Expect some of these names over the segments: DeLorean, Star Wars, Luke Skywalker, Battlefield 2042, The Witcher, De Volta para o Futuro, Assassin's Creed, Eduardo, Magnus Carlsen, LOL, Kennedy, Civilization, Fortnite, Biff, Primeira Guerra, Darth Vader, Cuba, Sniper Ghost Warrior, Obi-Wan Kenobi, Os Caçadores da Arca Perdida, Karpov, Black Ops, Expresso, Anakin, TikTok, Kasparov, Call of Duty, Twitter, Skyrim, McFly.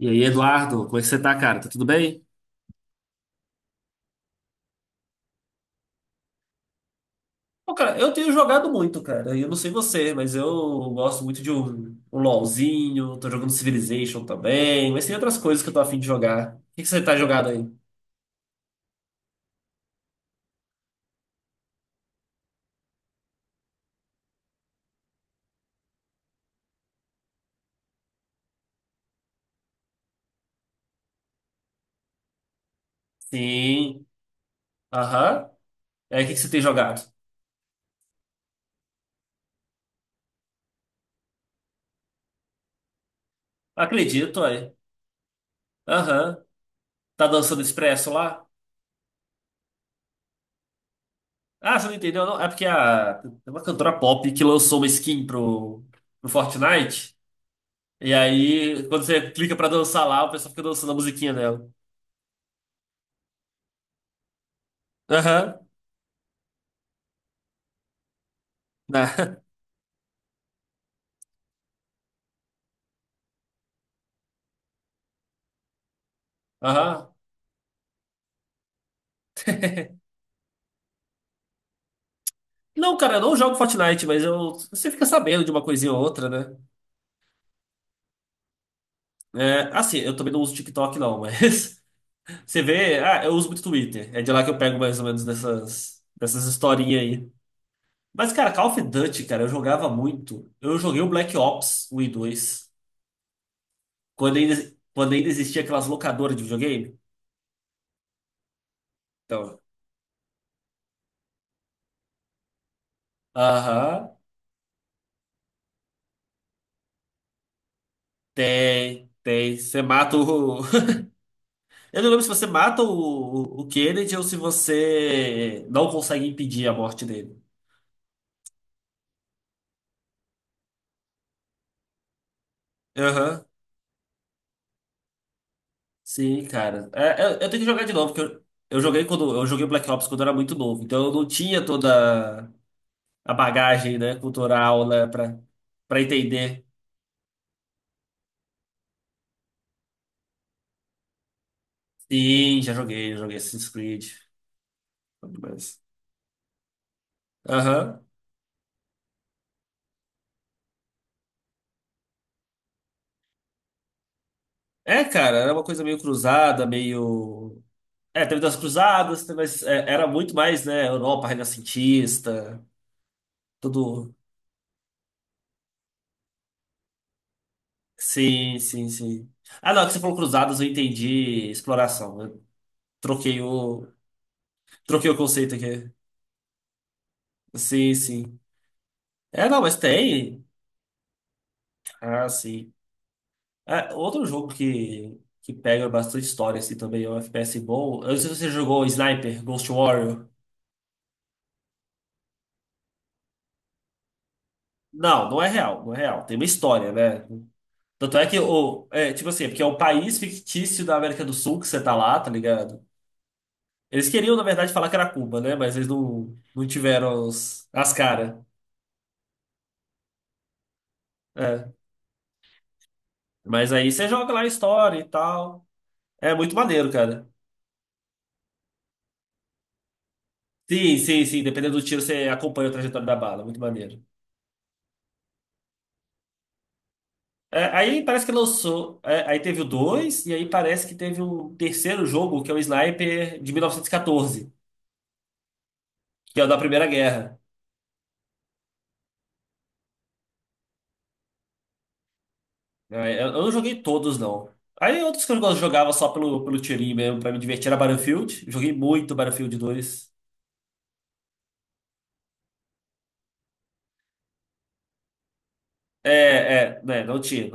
E aí, Eduardo, como é que você tá, cara? Tá tudo bem? Pô, cara, eu tenho jogado muito, cara. Eu não sei você, mas eu gosto muito de um LOLzinho. Tô jogando Civilization também. Mas tem outras coisas que eu tô afim de jogar. O que que você tá jogado aí? Sim. Aham. É, o que que você tem jogado? Acredito, aí. Aham. Tá dançando Expresso lá? Ah, você não entendeu, não? É porque a, tem uma cantora pop que lançou uma skin pro Fortnite. E aí, quando você clica pra dançar lá, o pessoal fica dançando a musiquinha dela. Aham. Né? Aham. Não, cara, eu não jogo Fortnite, mas eu, você fica sabendo de uma coisinha ou outra, né? É, assim, eu também não uso TikTok, não, mas você vê. Ah, eu uso muito Twitter. É de lá que eu pego mais ou menos dessas historinhas aí. Mas, cara, Call of Duty, cara, eu jogava muito. Eu joguei o Black Ops 1 e dois quando ainda existia aquelas locadoras de videogame. Então, aham, tem, tem. Você mata o. Eu não lembro se você mata o, o Kennedy ou se você não consegue impedir a morte dele. Aham, sim, cara. É, eu tenho que jogar de novo, porque eu joguei quando eu joguei Black Ops quando eu era muito novo, então eu não tinha toda a bagagem, né, cultural, né, pra entender. Sim, já joguei Assassin's Creed. Mas... Aham. É, cara, era uma coisa meio cruzada, meio. É, teve das cruzadas, mas é, era muito mais, né, Europa renascentista, tudo. Sim, sim, sim. Ah, não, é que você falou cruzadas, eu entendi exploração. Eu troquei o, troquei o conceito aqui. Sim, sim. É, não, mas tem. Ah, sim. É, outro jogo que pega bastante história, assim, também, é um FPS bom. Eu não sei se você jogou Sniper, Ghost Warrior. Não, não é real, não é real. Tem uma história, né? Tanto é que, o, é, tipo assim, é porque é um país fictício da América do Sul que você tá lá, tá ligado? Eles queriam, na verdade, falar que era Cuba, né? Mas eles não tiveram as caras. Mas aí você joga lá a história e tal. É muito maneiro, cara. Sim, sim, sim. Dependendo do tiro, você acompanha a trajetória da bala. Muito maneiro. É, aí parece que lançou. É, aí teve o 2, e aí parece que teve um terceiro jogo, que é o Sniper de 1914, que é o da Primeira Guerra. É, eu não joguei todos, não. Aí outros que eu jogava só pelo tirinho mesmo, pra me divertir, era Battlefield. Joguei muito Battlefield dois. É, é, né, não tinha.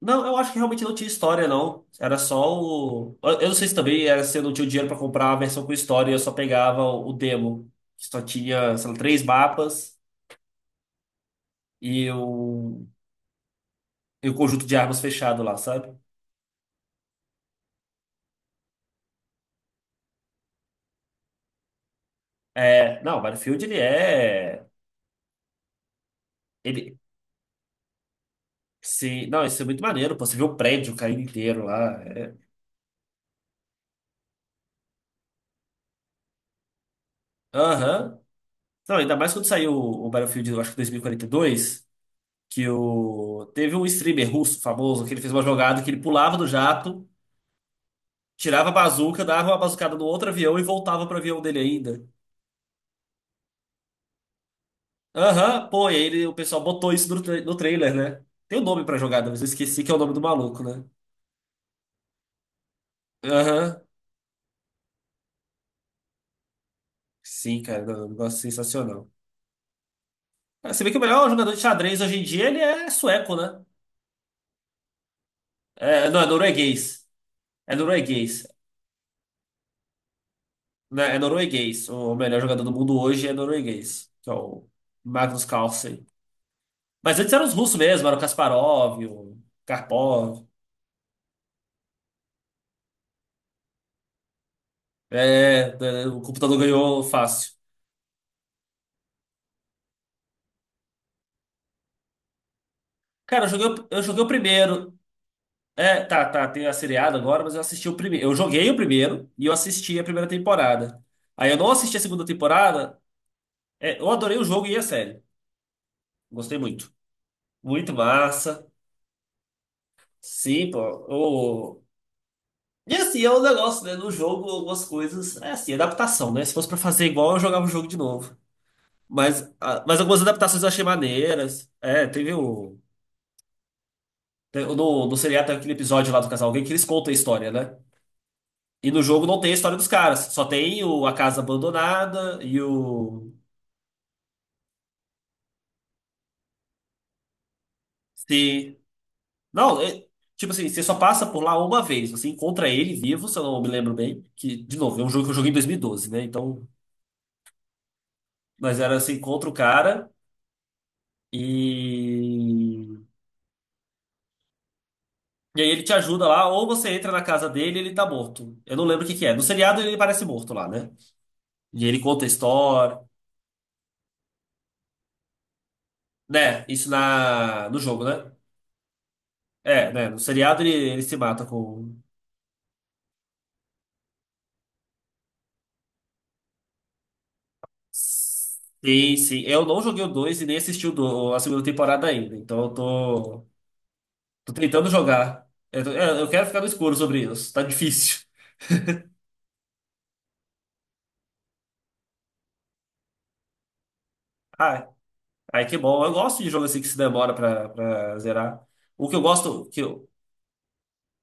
Não, eu acho que realmente não tinha história, não. Era só o. Eu não sei se também era se eu não tinha o dinheiro pra comprar a versão com história e eu só pegava o demo. Que só tinha, sei lá, três mapas e o, e o conjunto de armas fechado lá, sabe? É, não, o Battlefield ele é. Ele. Sim, não, isso é muito maneiro, pô. Você vê o prédio caindo inteiro lá. É. Aham. Não, ainda mais quando saiu o Battlefield, eu acho que 2042, que o... teve um streamer russo famoso que ele fez uma jogada que ele pulava do jato. Tirava a bazuca, dava uma bazucada no outro avião e voltava pro avião dele ainda. Aham, pô, e aí o pessoal botou isso no, no trailer, né? Tem o um nome pra jogada, mas eu esqueci que é o nome do maluco, né? Aham, sim, cara, não, um negócio sensacional. Ah, você vê que o melhor jogador de xadrez hoje em dia, ele é sueco, né? É, não, é norueguês. É norueguês. Né? É norueguês. O melhor jogador do mundo hoje é norueguês, que é o Magnus Carlsen. Mas antes eram os russos mesmo, era o Kasparov, o Karpov. É, é, é, o computador ganhou fácil. Cara, eu joguei, eu joguei o primeiro. É, tá, tá, tem a seriada agora, mas eu assisti o primeiro. Eu joguei o primeiro e eu assisti a primeira temporada. Aí eu não assisti a segunda temporada. É, eu adorei o jogo e a série. Gostei muito. Muito massa. Sim, pô. o- E assim, é um negócio, né? No jogo, algumas coisas. É assim, adaptação, né? Se fosse pra fazer igual, eu jogava o jogo de novo. Mas, ah, mas algumas adaptações eu achei maneiras. É, teve o. No, no seriado tem aquele episódio lá do casal gay que eles contam a história, né? E no jogo não tem a história dos caras. Só tem o, a casa abandonada e o. Se. Não, é- tipo assim, você só passa por lá uma vez. Você encontra ele vivo, se eu não me lembro bem. Que, de novo, é um jogo que eu joguei em 2012, né? Então. Mas era você encontra o cara e. E aí ele te ajuda lá, ou você entra na casa dele e ele tá morto. Eu não lembro o que que é. No seriado ele parece morto lá, né? E ele conta a história. Né, isso na, no jogo, né? É, né? No seriado ele se mata com. Sim, sim. Eu não joguei o 2 e nem assisti a segunda temporada ainda. Então eu tô, tô tentando jogar. Eu, é, eu quero ficar no escuro sobre isso. Tá difícil. Ah, ai, que bom. Eu gosto de jogo assim que se demora pra zerar. O que eu gosto,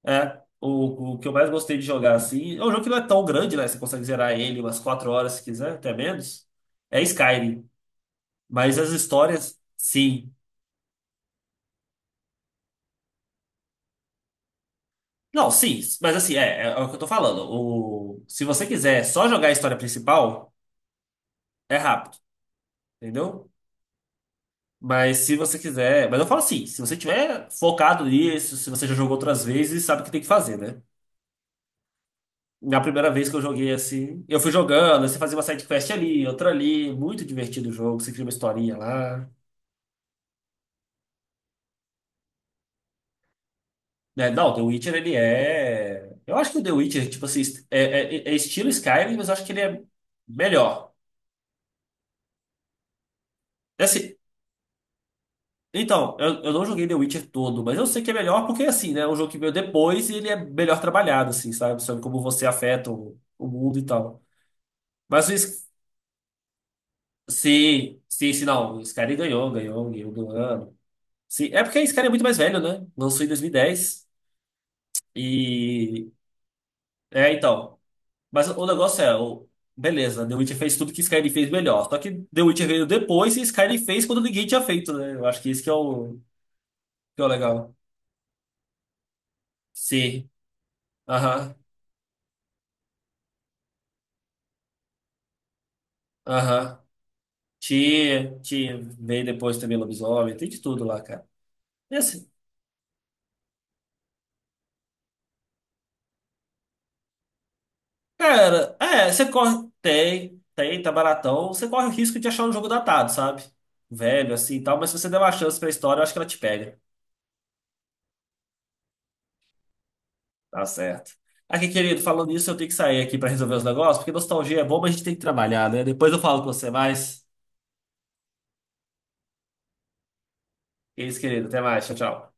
é, o que eu mais gostei de jogar assim. É um jogo que não é tão grande, né? Você consegue zerar ele umas 4 horas se quiser, até menos. É Skyrim. Mas as histórias, sim. Não, sim, mas assim, é, é o que eu tô falando. O, se você quiser só jogar a história principal, é rápido, entendeu? Mas se você quiser. Mas eu falo assim, se você tiver focado nisso, se você já jogou outras vezes, sabe o que tem que fazer, né? Na primeira vez que eu joguei assim, eu fui jogando, aí você fazia uma side quest ali, outra ali, muito divertido o jogo, você cria uma historinha lá. Né? Não, The Witcher ele é. Eu acho que o The Witcher, tipo assim, é, é estilo Skyrim, mas eu acho que ele é melhor. Assim, então, eu não joguei The Witcher todo, mas eu sei que é melhor porque, assim, né? É um jogo que veio depois e ele é melhor trabalhado, assim, sabe? Sobre como você afeta o mundo e tal. Mas o Sc- sim, sim, sim, não. O Skyrim ganhou, ganhou do ano. Sim, é porque o Skyrim é muito mais velho, né? Lançou em 2010 e... dez. E. É, então. Mas o negócio é, o, beleza, The Witcher fez tudo que Skyrim fez melhor. Só que The Witcher veio depois e Skyrim fez quando ninguém tinha feito, né? Eu acho que isso que é que é o legal. Sim, aham, aham. Tia, tia, veio depois também lobisomem, tem de tudo lá, cara. E assim, cara, é, você corre, tem, tem, tá baratão, você corre o risco de achar um jogo datado, sabe? Velho, assim e tal, mas se você der uma chance pra história, eu acho que ela te pega. Tá certo. Aqui, querido, falando isso, eu tenho que sair aqui pra resolver os negócios, porque nostalgia é bom, mas a gente tem que trabalhar, né? Depois eu falo com você mais. É isso, querido, até mais, tchau, tchau.